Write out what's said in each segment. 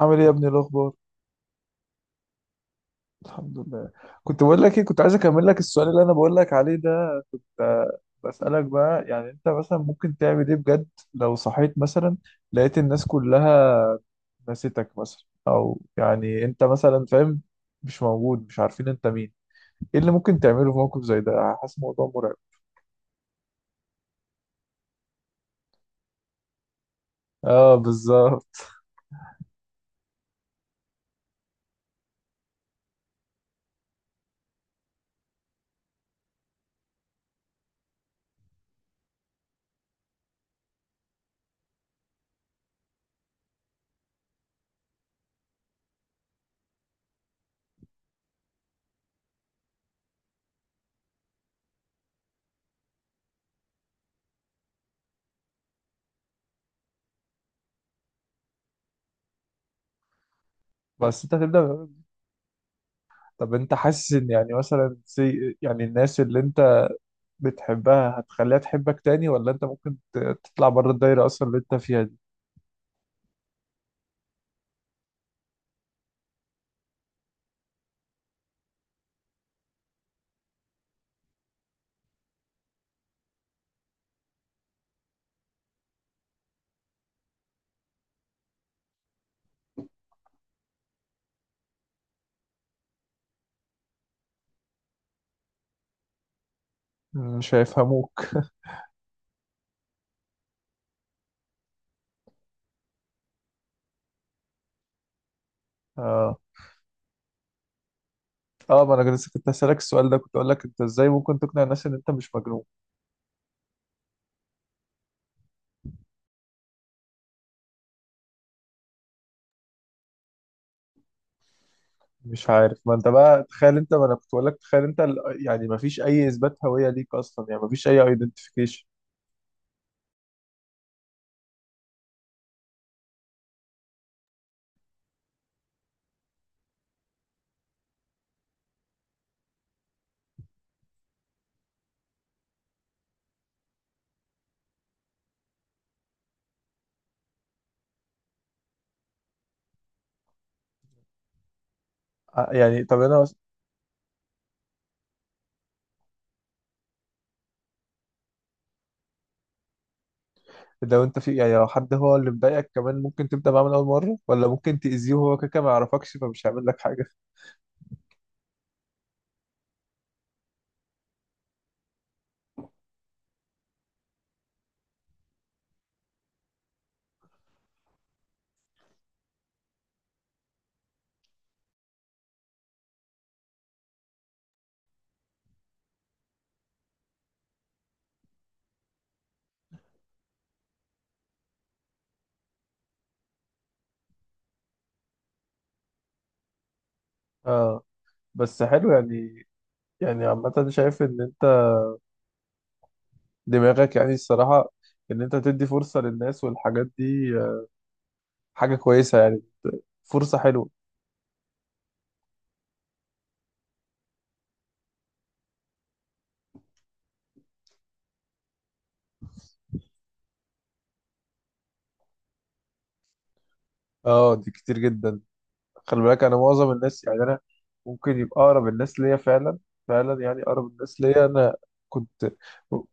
عامل ايه يا ابني الاخبار؟ الحمد لله. كنت بقول لك ايه، كنت عايز اكمل لك السؤال اللي انا بقول لك عليه ده. ف- بسألك بقى، يعني انت مثلا ممكن تعمل ايه بجد؟ لو صحيت مثلا، لقيت الناس كلها نسيتك مثلا، او يعني انت مثلا فاهم، مش موجود، مش عارفين انت مين. ايه اللي ممكن تعمله في موقف زي ده؟ حاسس الموضوع مرعب. اه بالظبط. بس انت هتبدأ. طب انت حاسس ان يعني مثلا زي، يعني الناس اللي انت بتحبها هتخليها تحبك تاني، ولا انت ممكن تطلع بره الدايرة اصلا اللي انت فيها دي؟ مش هيفهموك. اه. اه، ما انا كنت هسألك السؤال ده، كنت اقول لك انت ازاي ممكن تقنع الناس ان انت مش مجنون؟ مش عارف، ما انت بقى تخيل انت، ما انا كنت بقول لك تخيل انت يعني ما فيش اي اثبات هوية ليك اصلا، يعني ما فيش اي ايدنتيفيكيشن. يعني طب انا لو انت في، يعني لو حد هو اللي مضايقك كمان، ممكن تبدأ معاه من اول مرة، ولا ممكن تأذيه وهو كده كده ما يعرفكش فمش هيعمل لك حاجة؟ اه. بس حلو يعني، يعني عامة شايف ان دماغك يعني الصراحة، إن أنت تدي فرصة للناس والحاجات دي، حاجة كويسة يعني، فرصة حلوة. اه دي كتير جدا. خلي بالك أنا معظم الناس، يعني أنا ممكن يبقى أقرب الناس ليا فعلا، فعلا يعني أقرب الناس ليا أنا كنت،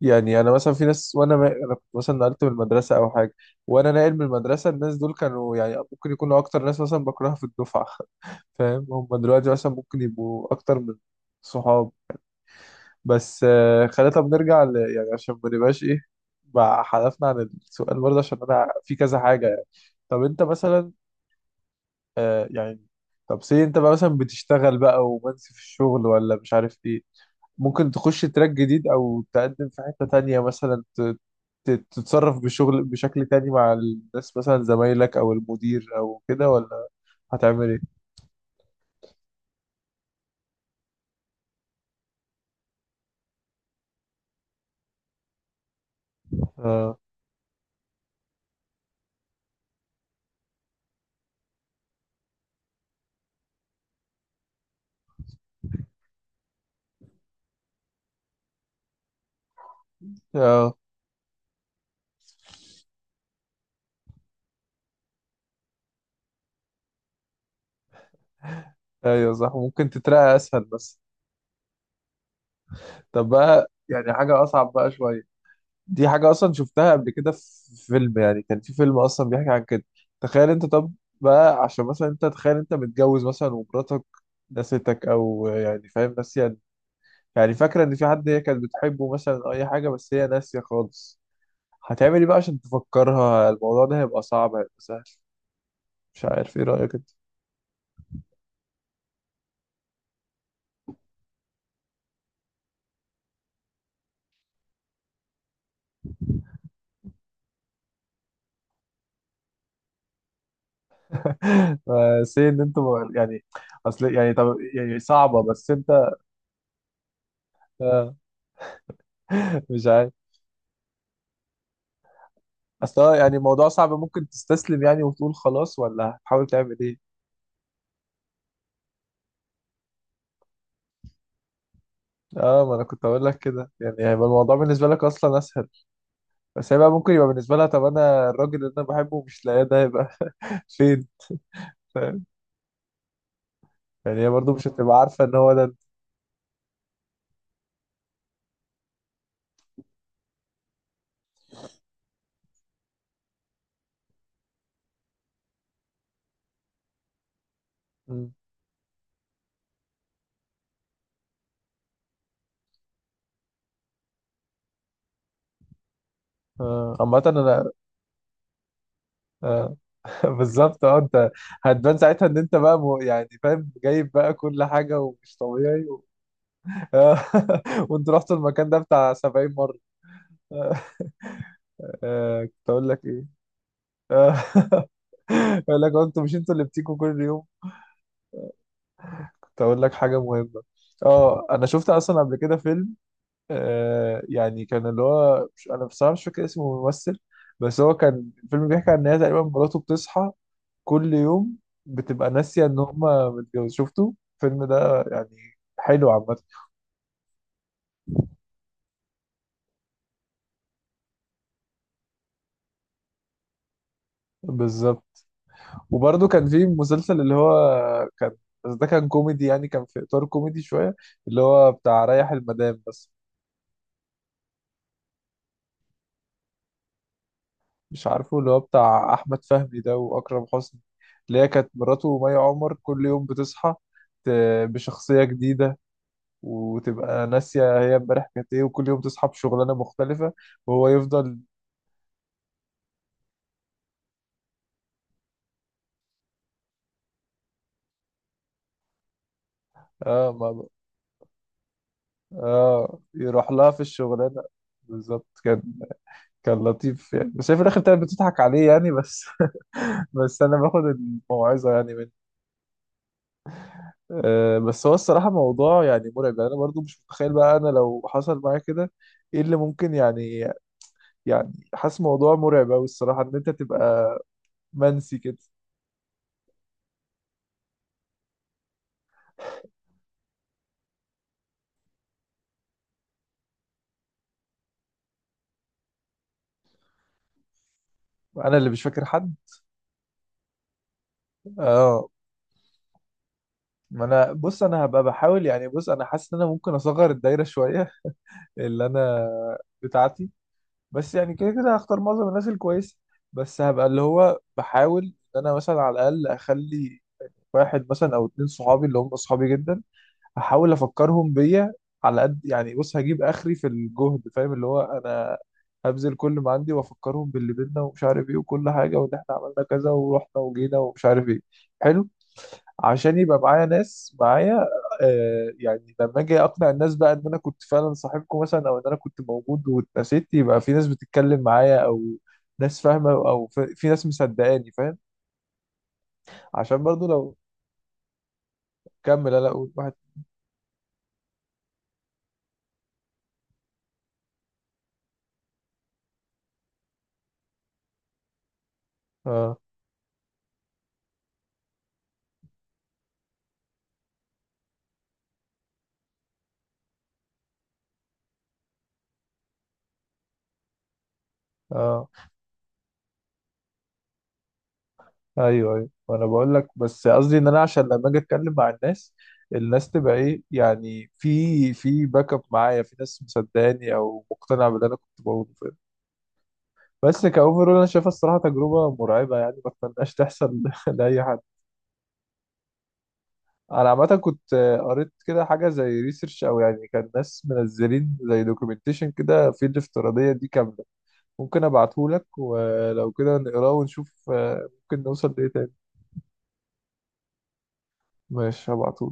يعني أنا مثلا في ناس وأنا ما... أنا كنت مثلا نقلت من المدرسة أو حاجة، وأنا ناقل من المدرسة الناس دول كانوا يعني ممكن يكونوا أكتر ناس مثلا بكرهها في الدفعة. فاهم، هم دلوقتي مثلا ممكن يبقوا أكتر من صحاب. بس خلينا طب نرجع ل... يعني عشان ما نبقاش ايه، بقى حذفنا عن السؤال برضه عشان انا في كذا حاجه يعني. طب انت مثلا، يعني طب سي انت بقى مثلا بتشتغل بقى ومنسي في الشغل ولا مش عارف ايه، ممكن تخش تراك جديد او تقدم في حته تانية مثلا تتصرف بشغل بشكل تاني مع الناس مثلا زمايلك او المدير او كده، ولا هتعمل ايه؟ اه. اه ايوه صح، ممكن تترقى اسهل بس. طب بقى يعني حاجه اصعب بقى شويه، دي حاجة أصلا شفتها قبل كده في فيلم، يعني كان في فيلم أصلا بيحكي عن كده. تخيل أنت، طب بقى عشان مثلا أنت تخيل أنت متجوز مثلا، ومراتك نسيتك، أو يعني فاهم ناسية، يعني فاكرة إن في حد هي كانت بتحبه مثلا أو أي حاجة، بس هي ناسية خالص. هتعمل إيه بقى عشان تفكرها؟ الموضوع ده هيبقى صعب، هيبقى سهل؟ مش عارف، إيه رأيك أنت؟ بس إيه إن أنت، يعني أصل يعني، طب يعني صعبة بس أنت. مش عارف، اصل هو يعني الموضوع صعب، ممكن تستسلم يعني وتقول خلاص، ولا هتحاول تعمل ايه؟ اه، ما انا كنت اقول لك كده، يعني هيبقى الموضوع بالنسبه لك اصلا اسهل، بس هي بقى ممكن يبقى بالنسبه لها، طب انا الراجل اللي انا بحبه مش لاقيه ده هيبقى فين؟ فاهم، يعني هي برضه مش هتبقى عارفه ان هو ده انت. مم. عامة انا، آه. بالظبط اه، انت هتبان ساعتها ان انت بقى يعني فاهم جايب بقى كل حاجة ومش طبيعي و... آه. وانت رحت المكان ده بتاع 70 مرة. آه. كنت اقول لك إيه؟ يقول لك انتوا مش انتوا اللي بتيجوا كل يوم. كنت اقول لك حاجه مهمه، اه انا شفت اصلا قبل كده فيلم، يعني كان اللي هو، مش انا بصراحه مش فاكر اسمه الممثل، بس هو كان الفيلم بيحكي عن ان هي تقريبا مراته بتصحى كل يوم بتبقى ناسيه ان هما متجوز. شفتوا الفيلم ده يعني؟ حلو عامه. بالظبط. وبرده كان في مسلسل اللي هو كان، بس ده كان كوميدي يعني، كان في اطار كوميدي شويه، اللي هو بتاع ريح المدام بس. مش عارفه، اللي هو بتاع احمد فهمي ده واكرم حسني، اللي هي كانت مراته مي عمر كل يوم بتصحى ت- بشخصيه جديده، وتبقى ناسيه هي امبارح كانت ايه، وكل يوم تصحى بشغلانه مختلفه، وهو يفضل، اه ما اه يروح لها في الشغلانه. بالظبط، كان كان لطيف يعني، بس هي في الاخر كانت بتضحك عليه يعني بس. بس انا باخد الموعظه يعني منه. آه، بس هو الصراحه موضوع يعني مرعب، يعني انا برضو مش متخيل بقى انا لو حصل معايا كده ايه اللي ممكن يعني، يعني حاسس موضوع مرعب قوي الصراحه، ان انت تبقى منسي كده. انا اللي مش فاكر حد. اه، ما انا بص، انا هبقى بحاول، يعني بص انا حاسس ان انا ممكن اصغر الدايره شويه اللي انا بتاعتي، بس يعني كده كده هختار معظم الناس الكويسه، بس هبقى اللي هو بحاول ان انا مثلا على الاقل اخلي واحد مثلا او اتنين صحابي اللي هم صحابي جدا، هحاول افكرهم بيا على قد، يعني بص هجيب اخري في الجهد، فاهم؟ اللي هو انا هبذل كل ما عندي، وافكرهم باللي بينا ومش عارف ايه وكل حاجه، وان احنا عملنا كذا ورحنا وجينا ومش عارف ايه. حلو، عشان يبقى معايا ناس معايا. يعني لما اجي اقنع الناس بقى ان انا كنت فعلا صاحبكم مثلا، او ان انا كنت موجود واتنسيت، يبقى في ناس بتتكلم معايا، او ناس فاهمه، او في ناس مصدقاني، فاهم؟ عشان برضو لو، كمل، لا اقول واحد. اه. اه ايوه ايوه، وانا بقول لك، بس قصدي ان انا عشان لما اجي اتكلم مع الناس، الناس تبقى ايه يعني، في باك اب معايا، في ناس مصدقاني او مقتنعه باللي انا كنت بقوله، فاهم؟ بس كاوفرول انا شايفها الصراحه تجربه مرعبه يعني، ما اتمناش تحصل لاي حد. انا عامه كنت قريت كده حاجه زي ريسيرش، او يعني كان ناس منزلين زي دوكيومنتيشن كده في الافتراضيه دي كامله، ممكن ابعته لك ولو كده نقراه ونشوف، ممكن نوصل لايه تاني. ماشي هبعته.